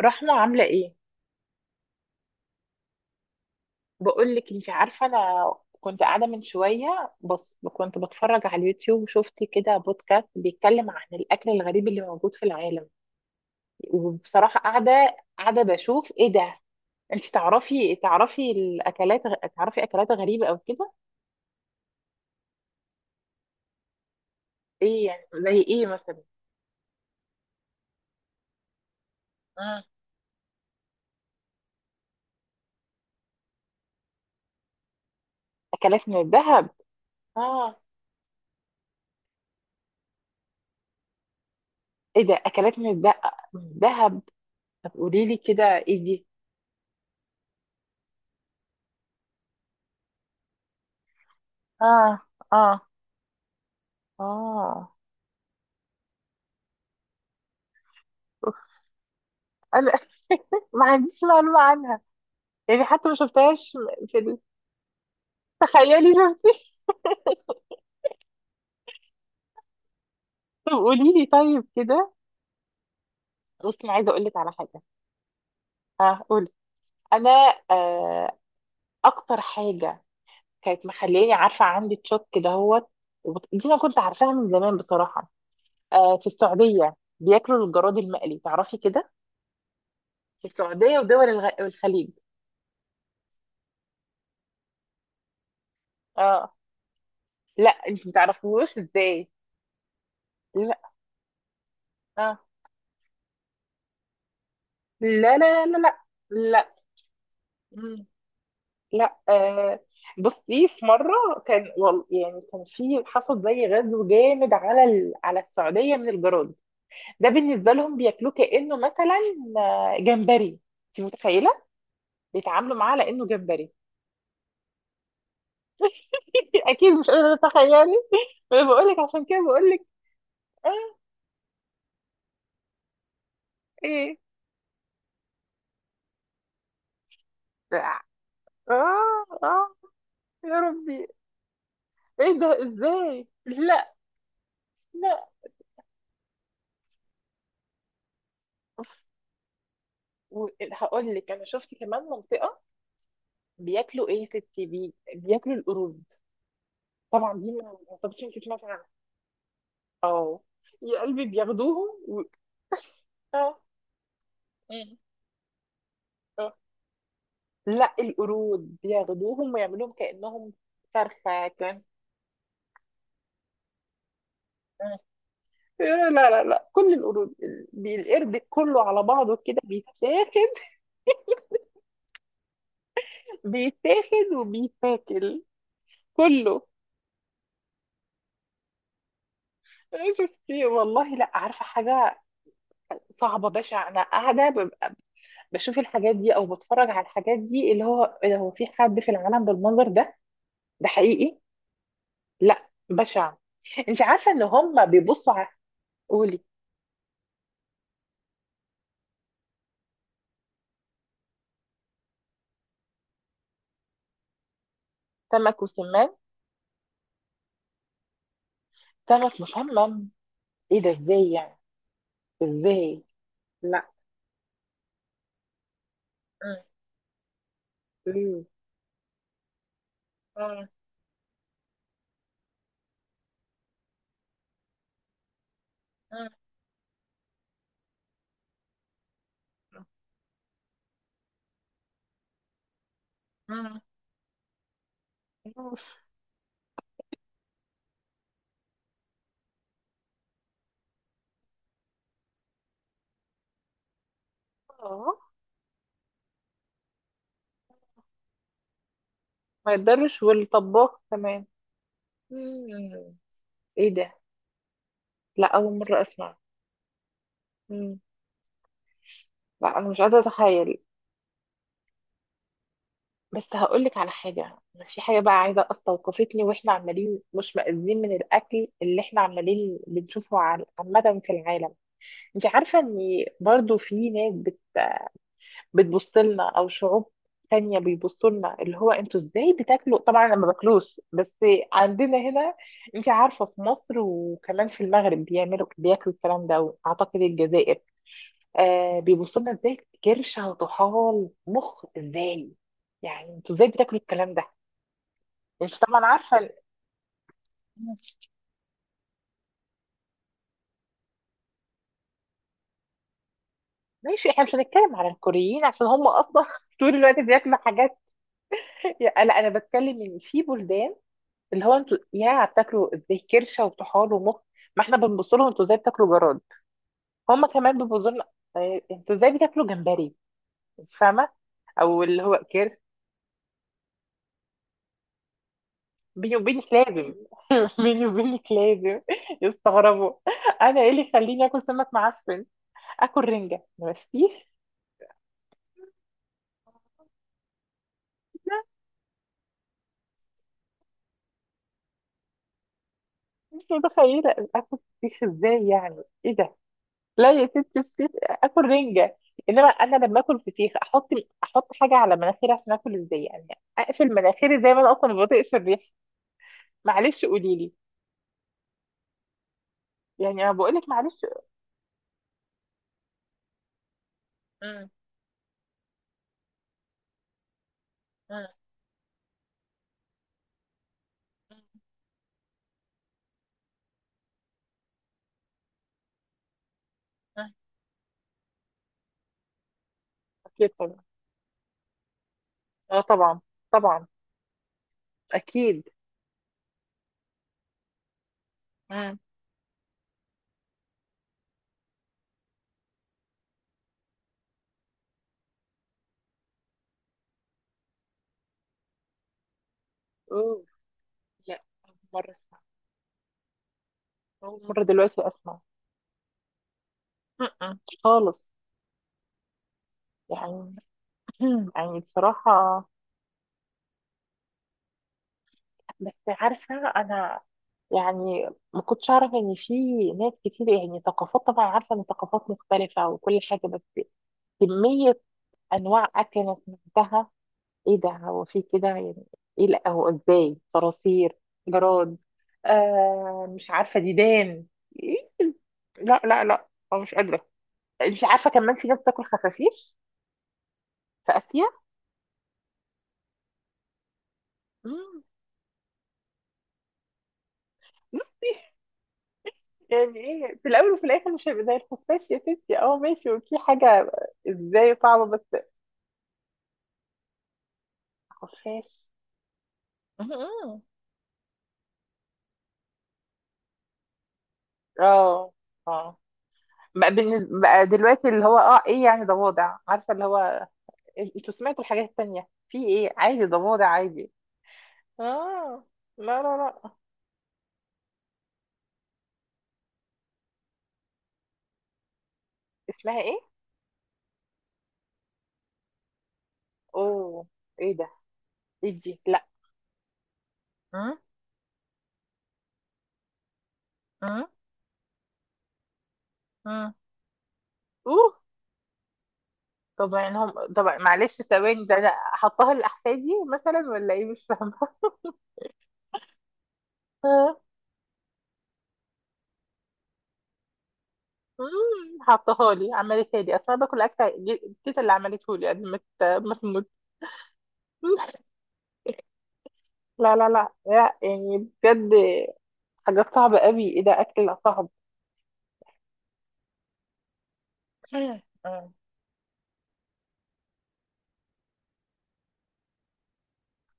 رحمة عاملة ايه؟ بقول لك، انت عارفة انا كنت قاعدة من شوية بس كنت بتفرج على اليوتيوب وشفت كده بودكاست بيتكلم عن الاكل الغريب اللي موجود في العالم. وبصراحة قاعدة بشوف ايه ده؟ انت تعرفي الاكلات، تعرفي اكلات غريبة او كده؟ ايه يعني زي ايه مثلا؟ مم. اكلات من الذهب. اه. ايه ده، اكلات من الذهب من الذهب؟ طب قولي لي كده ايه دي؟ اه. اه. اه. انا ما عنديش معلومة عنها، يعني حتى ما شفتهاش. في ال- تخيلي شفتي طب قولي لي طيب كده. بصي انا عايزه اقول لك على حاجه. اه قولي. انا آه اكتر حاجه كانت مخلياني عارفه عندي تشوك دهوت. دي انا كنت عارفاها من زمان بصراحه. في السعوديه بياكلوا الجراد المقلي، تعرفي كده. في السعوديه ودول الخليج. اه. لا انت ما تعرفوش ازاي. لا. اه. لا لا لا لا. لا, لا. لا. بصي، في مرة كان يعني كان في حصل زي غزو جامد على السعودية من الجراد. ده بالنسبة لهم بياكلوه كأنه مثلا جمبري. انت متخيلة، بيتعاملوا معاه لأنه جمبري. أكيد مش قادرة أتخيلي. أنا بقول لك عشان كده بقول لك. آه. إيه. آه. آه. آه، يا ربي. إيه ده إزاي؟ لا. لا. هقول لك، أنا شفت كمان منطقة بياكلوا إيه يا ستي، بياكلوا القرود. طبعا دي ما اعتقدش انت سمعتي عنها. اه. يا قلبي بياخدوهم اه. مم. اه. لا القرود بياخدوهم ويعملوهم كأنهم فرخة كان. مم. لا لا لا كل القرود القرد كله على بعضه كده بيتاخد، بيتاخد وبيتاكل كله. شفتي والله، لا عارفة حاجة صعبة بشعة. أنا قاعدة ببقى بشوف الحاجات دي أو بتفرج على الحاجات دي، اللي هو إيه ده، هو في حد في العالم بالمنظر ده؟ ده حقيقي؟ لا بشع. انت عارفه ان هم بيبصوا على. قولي. سمك وسمان. سمك مسمم. ايه ده، ازاي يعني؟ ازاي؟ لا. مم. ليه؟ مم. مم. مم. أوف. آه. ما يقدرش، والطباخ كمان. مم. ايه ده، لا اول مره اسمع. مم. لا انا مش قادره اتخيل. بس هقول لك على حاجه. في حاجه بقى عايزه استوقفتني، واحنا عمالين مش مأذين من الاكل اللي احنا عمالين بنشوفه عامه في العالم. انت عارفة ان برضو في ناس بتبص لنا او شعوب تانية بيبصوا لنا، اللي هو انتوا ازاي بتاكلوا؟ طبعا انا ما باكلوش بس عندنا هنا، انت عارفة، في مصر وكمان في المغرب بيعملوا بياكلوا الكلام ده، واعتقد الجزائر. بيبصوا لنا ازاي كرشة وطحال مخ؟ ازاي يعني انتوا ازاي بتاكلوا الكلام ده؟ انت طبعا عارفة ماشي، احنا مش هنتكلم على الكوريين عشان هم اصلا طول الوقت بياكلوا حاجات. لا انا بتكلم ان في بلدان، اللي هو انتوا يا بتاكلوا ازاي كرشه وطحال ومخ. ما احنا بنبص لهم انتوا ازاي بتاكلوا جراد، هم كمان بيبصوا لنا. انتوا ازاي بتاكلوا جمبري، انت فاهمه، او اللي هو كرش. بيني وبينك لازم بيني وبينك لازم يستغربوا. انا ايه اللي يخليني اكل سمك معفن، اكل رنجه، ما فيش. مش متخيله اكل فيش، ازاي يعني، ايه ده؟ لا يا ستي فسيخ اكل رنجه. انما انا لما اكل فسيخ احط حاجه على مناخيري عشان اكل، ازاي يعني، اقفل مناخيري زي ما انا اصلا ما بطيقش الريح. معلش قولي لي. يعني انا بقول لك معلش. مم. مم. مم. اكيد طبعا. اه طبعا. طبعا. اكيد. مم. اوه. لا أول مره اسمع، اول مره دلوقتي اسمع. مم. خالص. يعني يعني بصراحه، بس عارفه انا، يعني ما كنتش اعرف ان في ناس كتير، يعني ثقافات، طبعا عارفه ان ثقافات مختلفه وكل حاجه، بس كميه انواع اكل انا سمعتها. ايه ده، هو في كده يعني؟ ايه، لا، هو ازاي صراصير، جراد، مش عارفه ديدان. إيه؟ لا لا لا. أنا مش قادره. مش عارفه كمان في ناس بتاكل خفافيش في اسيا. مم. بص، يعني ايه في الاول وفي الاخر مش هيبقى زي الخفاش يا ستي. اه ماشي، وفي حاجه ازاي صعبه بس خفاش. مم. اه. اه بقى, بالنسبة بقى دلوقتي اللي هو ايه يعني ضفادع عارفه اللي هو انتوا سمعتوا الحاجات التانية؟ في ايه عادي ضفادع عادي. اه. لا لا لا. اسمها ايه؟ اوه. ايه ده؟ ايه دي؟ لا. مم، مم، مم. اوه. طب يعني هم. طب معلش ثواني ده انا حطها الاحفادي مثلا ولا ايه، مش فاهمه. آه. مم، حطها لي، عملتها لي اصل انا باكل اكل تيتا اللي عملته لي قبل ما ما تموت. لا لا لا لا، يعني بجد حاجات صعبة قوي، ايه ده اكل صعب. مم. مم.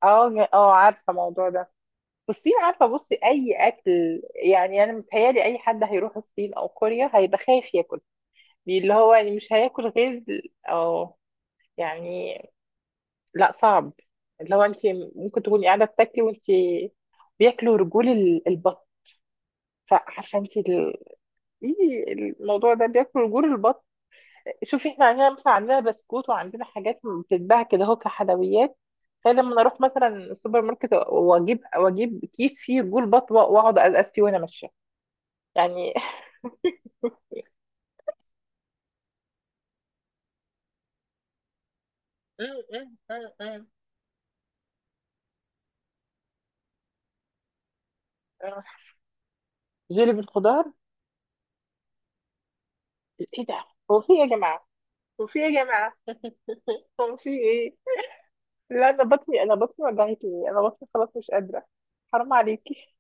اه اه عارفة الموضوع ده، والصين عارفة، بصي اي اكل، يعني انا متهيألي اي حد هيروح الصين او كوريا هيبقى خايف ياكل، يعني اللي هو يعني مش هياكل غير. او، يعني، لا صعب، اللي هو انت ممكن تكوني قاعدة بتاكلي وانت بياكلوا رجول البط، فعارفة انت إيه الموضوع ده بياكلوا رجول البط؟ شوفي احنا عندنا مثلا، عندنا بسكوت وعندنا حاجات بتتباع كده اهو كحلويات، فلما انا اروح مثلا السوبر ماركت واجيب كيس فيه جول بط واقعد ازقس فيه وانا ماشيه يعني م- م- م- م. آه. جيلي بالخضار؟ ايه ده؟ هو في ايه يا جماعه، هو في ايه يا جماعه، هو في ايه؟ لا انا بطني، انا بطني وجعتني، انا بطني خلاص مش قادره. حرام عليكي.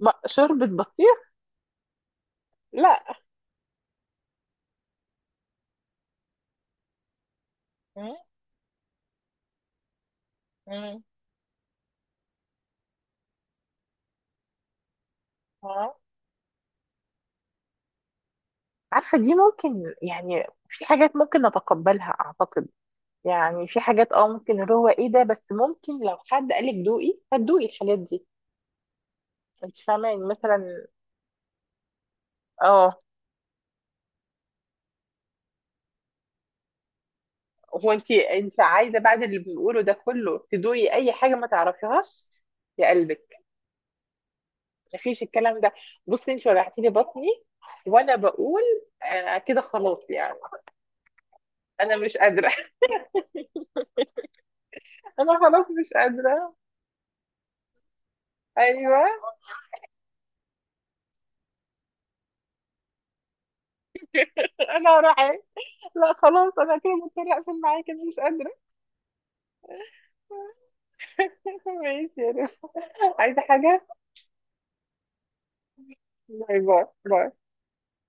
شوربه بطيخ؟ لا. مم، مم. آه. عارفه دي ممكن، يعني في حاجات ممكن نتقبلها اعتقد، يعني في حاجات ممكن اللي هو ايه ده، بس ممكن لو حد قالك دوقي هتدوقي الحاجات دي. انت فاهمه يعني مثلا. اه. هو انت عايزه بعد اللي بنقوله ده كله تدوقي اي حاجه ما تعرفيهاش؟ يا قلبك. مفيش الكلام ده. بصي انت وجعتي لي بطني، وانا بقول كده خلاص يعني انا مش قادره انا خلاص مش قادره. ايوه. انا هروح ايه؟ لا خلاص انا كده مضطره اقفل معاكي، انا مش قادره. ماشي يا رب. عايزه حاجه؟ باي باي باي.